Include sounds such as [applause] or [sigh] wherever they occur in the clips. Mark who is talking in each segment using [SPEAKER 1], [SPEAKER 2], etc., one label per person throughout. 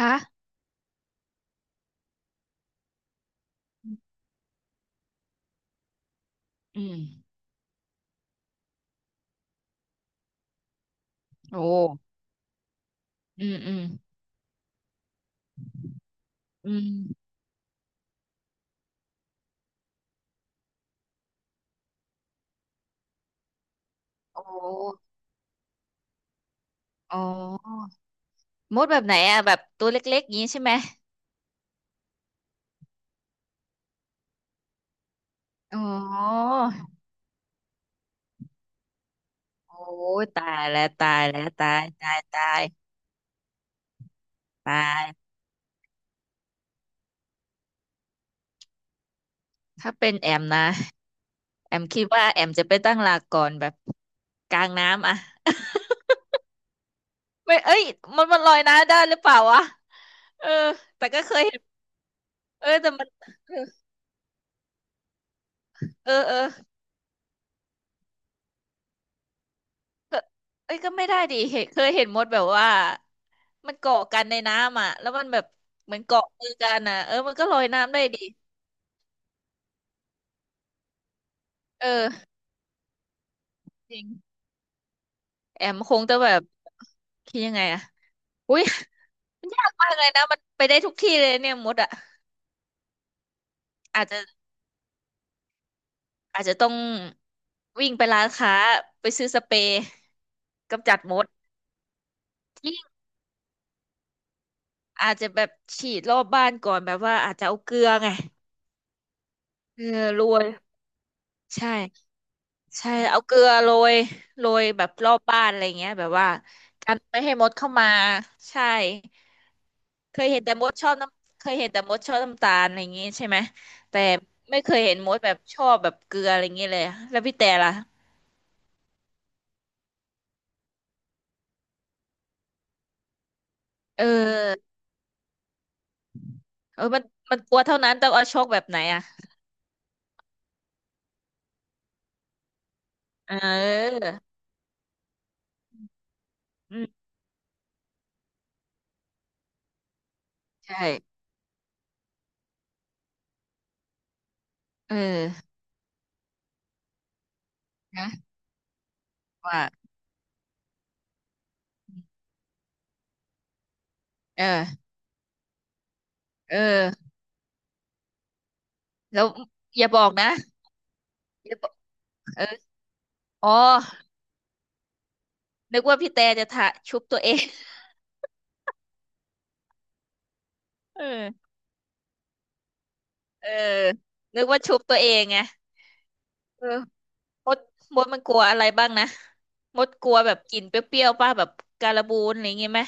[SPEAKER 1] ฮะอืมโอ้อืมอืมอืมโอ้อ๋อมดแบบไหนอะแบบตัวเล็กๆงี้ใช่ไหมอ๋อโอ้ยตายแล้วตายแล้วตายตายตายตายถ้าเป็นแอมนะแอมคิดว่าแอมจะไปตั้งหลักก่อนแบบกลางน้ำอะ [laughs] ไม่เอ้ยมันลอยน้ำได้หรือเปล่าวะเออแต่ก็เคยเห็นเออแต่มันเออเออเออ ก็เอ้ยก็ไม่ได้ดิเห็นเคยเห็นมดแบบว่ามันเกาะกันในน้ำอ่ะแล้วมันแบบเหมือนเกาะมือกันอ่ะเออมันก็ลอยน้ำได้ดิเออจริงแอมคงจะแบบคิดยังไงอ่ะอุ้ยมันยากมากเลยนะมันไปได้ทุกที่เลยเนี่ยมดอ่ะอาจจะอาจจะต้องวิ่งไปร้านค้าไปซื้อสเปรย์กำจัดมดจริงอาจจะแบบฉีดรอบบ้านก่อนแบบว่าอาจจะเอาเกลือไงเออโรวยใช่ ใช่เอาเกลือโรยโรยแบบรอบบ้านอะไรเงี้ยแบบว่ากันไม่ให้มดเข้ามาใช่เคยเห็นแต่มดชอบน้ำเคยเห็นแต่มดชอบน้ำตาลอะไรเงี้ยใช่ไหมแต่ไม่เคยเห็นมดแบบชอบแบบเกลืออะไรเงี้ยเลยแล้วพี่แต่ล่ะเออเออมันกลัวเท่านั้นต้องเอาโชคแบบไหนอ่ะเอออืมใช่เออนะว่าเออเออแล้วอย่าบอกนะอย่าบอกเอออ๋อนึกว่าพี่แต่จะทะชุบตัวเอง [laughs] เออ เออนึกว่าชุบตัวเองไงเออมดมันกลัวอะไรบ้างนะมดกลัวแบบกลิ่นเปรี้ยวๆป่ะแบบการบูนอะไรอย่างงี้ไหม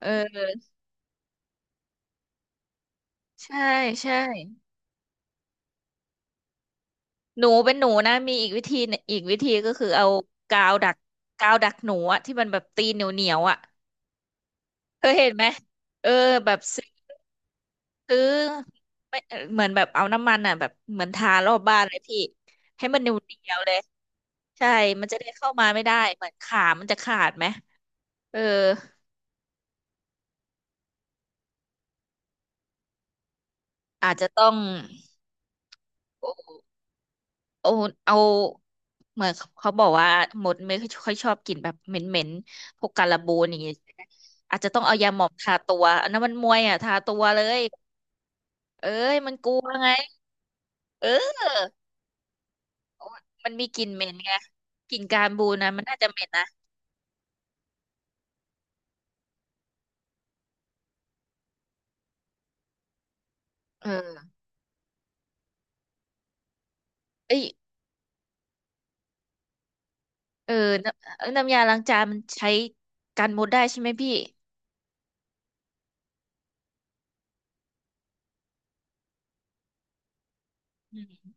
[SPEAKER 1] เออใช่ใช่หนูเป็นหนูนะมีอีกวิธีหนึ่งอีกวิธีก็คือเอากาวดักกาวดักหนูอะที่มันแบบตีนเหนียวเหนียวอะเคยเห็นไหมเออแบบซื้อไม่เออเหมือนแบบเอาน้ำมันอะแบบเหมือนทารอบบ้านเลยพี่ให้มันเหนียวเหนียวเลยใช่มันจะได้เข้ามาไม่ได้เหมือนขามันจะขาดไหมเออ อาจจะต้องเอาเอาเหมือนเขาบอกว่าหมดไม่ค่อยชอบกลิ่นแบบเหม็นเหม็นพวกการบูนอย่างเงี้ยใช่ไหมอาจจะต้องเอายาหมองทาตัวอันนั้นมันมวยอ่ะทาตัวเลยเอ้ยมันกลัวไงเออมันมีกลิ่นเหม็นไงกลิ่นการบูนนะมันน่าจะเหม็นนะเออเอ้ยเออน้ำเอ้ยน้ำยาล้างจานมันใช้กันมดได้ใช่ไหมพี่อืม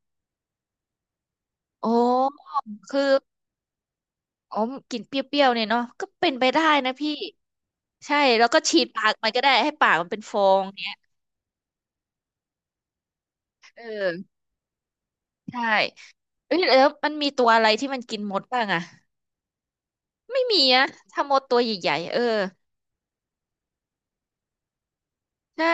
[SPEAKER 1] โอ้คืออ๋อกลิ่นเปรี้ยวๆเนี่ยเนาะก็เป็นไปได้นะพี่ ใช่แล้วก็ฉีดปากมันก็ได้ให้ปากมันเป็นฟองเนี้ยเออใช่เอ้ยแล้วมันมีตัวอะไรที่มันกินมดบ้างอะไม่มีอะถ้ามดตัวใหญ่ๆเออใช่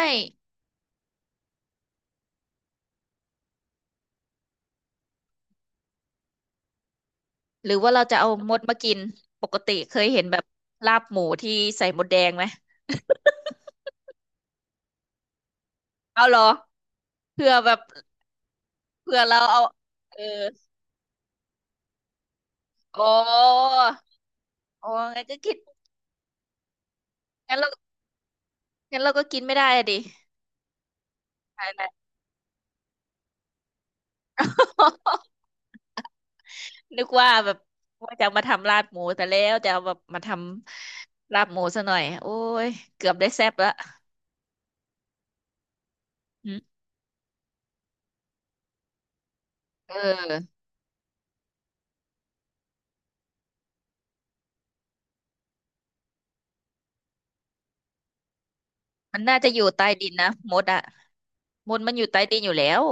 [SPEAKER 1] หรือว่าเราจะเอามดมากินปกติเคยเห็นแบบลาบหมูที่ใส่มดแดงไหมเอาเหรอเผื่อแบบเผื่อเราเอาเออโอ้โอ้งั้นก็กินงั้นเรางั้นเราก็กินไม่ได้อะดิใชยแหล้ นึกว่าแบบว่าจะเอามาทำลาบหมูแต่แล้วจะเอาแบบมาทำลาบหมูซะหน่อยโอ้ยเกือบได้แซ่บละอเออมันน่าจะอยู่ใต้ดินนะมดอะมดมันอยู่ใต้ดินอยู่แล้ว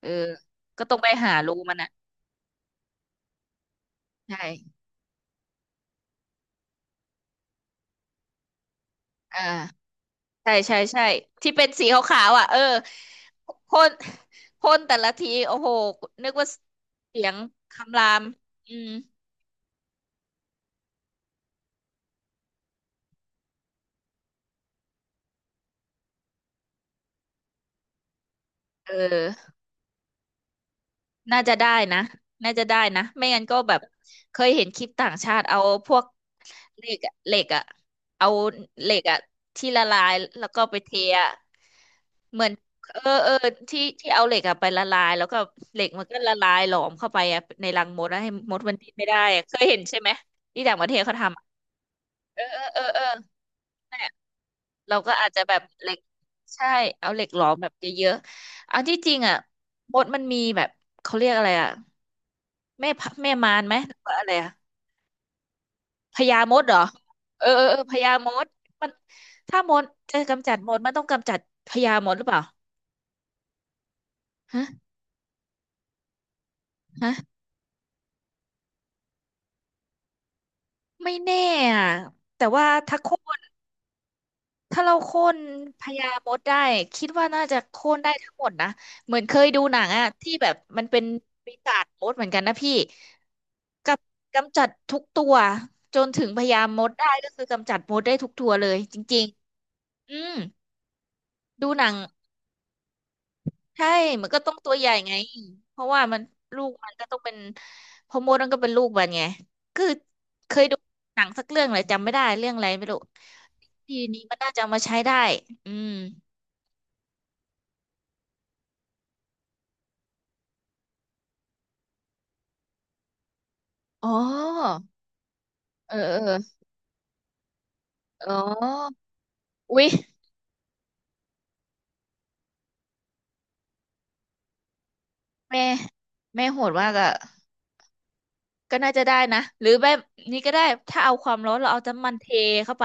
[SPEAKER 1] เออก็ต้องไปหารูมันอะใช่อ่าใช่ใช่ใช่ที่เป็นสีขาวๆอ่ะเออพ่นพ่นแต่ละทีโอ้โหนึกว่าเสียงคำรามอืมเออ น่าจะได้นะน่าจะได้นะ ไม่งั้นก็แบบเคยเห็นคลิปต่างชาติเอาพวกเหล็กอะเหล็กอะเอาเหล็กอะที่ละลายแล้วก็ไปเทอะเหมือนเออเออที่เอาเหล็กอะไปละลายแล้วก็เหล็กมันก็ละลายหลอมเข้าไปอะในรังมดแล้วให้มดมันดิ้นไม่ได้อะเคยเห็นใช่ไหมที่ต่างประเทศเขาทำอะเออเออเออเออนั่นแหละเราก็อาจจะแบบเหล็กใช่เอาเหล็กหลอมแบบเยอะๆอันที่จริงอะมดมันมีแบบเขาเรียกอะไรอะ แม่พะแม่มารไหมหรือว่าอะไรอะพญามดเหรอเออเออเออพญามดมันถ้ามดจะกำจัดมดมันต้องกำจัดพญามดหรือเปล่าฮะฮะไม่แน่อะแต่ว่าถ้าโค่นถ้าเราโค่นพญามดได้คิดว่าน่าจะโค่นได้ทั้งหมดนะเหมือนเคยดูหนังอะที่แบบมันเป็นปีศาจมดเหมือนกันนะพี่กับกำจัดทุกตัวจนถึงพญามดได้ก็คือกำจัดมดได้ทุกตัวเลยจริงๆอืมดูหนัง ใช่มันก็ต้องตัวใหญ่ไงเพราะว่ามันลูกมันก็ต้องเป็นเพอมดมันก็เป็นลูกมันไงคือเคยดูหนังสักเรื่องเลยจำไม่ได้เรื่องอะไรไม่รู้ทีนี้มันน่าจะเอามาใช้ได้อืมอ๋อเออเอออ๋ออุ๊ยแม่โหดมากอะก็น่าจะได้นะหรือแบบนี้ก็ได้ถ้าเอาความร้อนเราเอาน้ำมันเทเข้าไป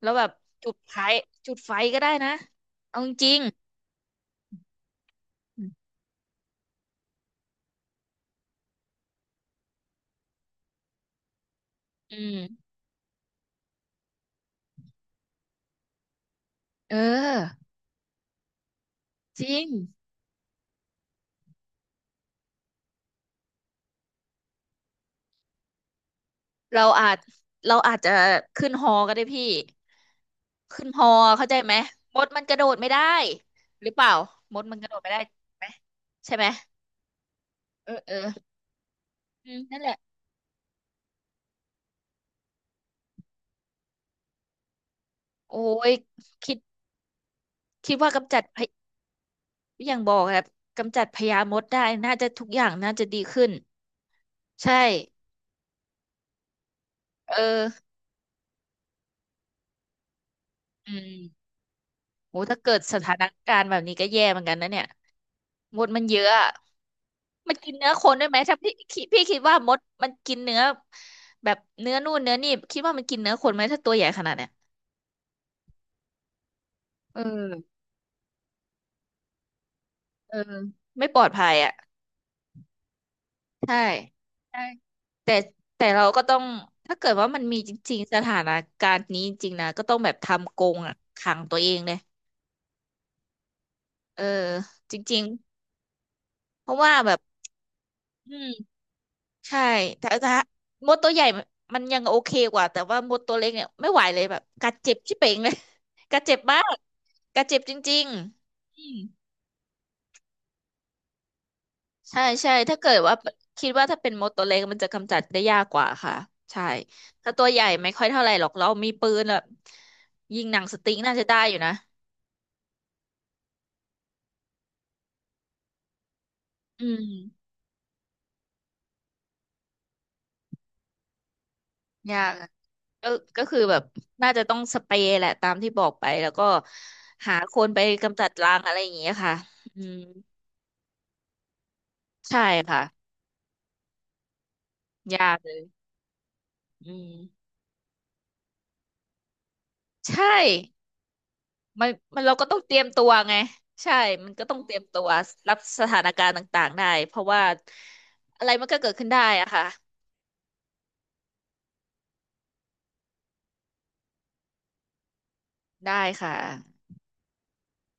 [SPEAKER 1] แล้วแบบจุดไฟจุดไฟก็ได้นะเอาจริงๆเออจริง เราอาจเราอาจจะขึ้นฮอก็ได้พี่ขึ้นฮอเข้าใจไหมมดมันกระโดดไม่ได้หรือเปล่ามดมันกระโดดไม่ได้ไหมใช่ไหมเออเออนั่นแหละโอ้ยคิดคิดว่ากำจัดพยอย่างบอกครับกำจัดพญามดได้น่าจะทุกอย่างน่าจะดีขึ้นใช่เอออืมโหถ้าเกิดสถานการณ์แบบนี้ก็แย่เหมือนกันนะเนี่ยมดมันเยอะอะ มันกินเนื้อคนด้วยไหมถ้าพี่คิดว่ามดมันกินเนื้อแบบเนื้อนู่นเนื้อนี่คิดว่ามันกินเนื้อคนไหมถ้าตัวใหญ่ขนาดเนี้ยเออเออไม่ปลอดภัยอ่ะใช่ใช่แต่แต่เราก็ต้องถ้าเกิดว่ามันมีจริงๆสถานการณ์นี้จริงๆนะก็ต้องแบบทำกรงอ่ะขังตัวเองเลยเออจริงๆเพราะว่าแบบอืม ใช่แต่มดตัวใหญ่มันยังโอเคกว่าแต่ว่ามดตัวเล็กเนี่ยไม่ไหวเลยแบบกัดเจ็บชิบเป่งเลย [laughs] กัดเจ็บมากกัดเจ็บจริงๆอืมใช่ใช่ถ้าเกิดว่าคิดว่าถ้าเป็นมดตัวเล็กมันจะกำจัดได้ยากกว่าค่ะใช่ถ้าตัวใหญ่ไม่ค่อยเท่าไหร่หรอกเรามีปืนแบบยิงหนังสติ๊กน่าจะได้อยู่นะอืมยากอะก็ก็คือแบบน่าจะต้องสเปรย์แหละตามที่บอกไปแล้วก็หาคนไปกำจัดรังอะไรอย่างเงี้ยค่ะอืมใช่ค่ะ ยากเลยอืมใช่มันมันเราก็ต้องเตรียมตัวไง ใช่ มันก็ต้องเตรียมตัวรับสถานการณ์ต่างๆได้ เพราะว่าอะไรมันก็เกิดขึ้นได้อะค่ะ ได้ค่ะ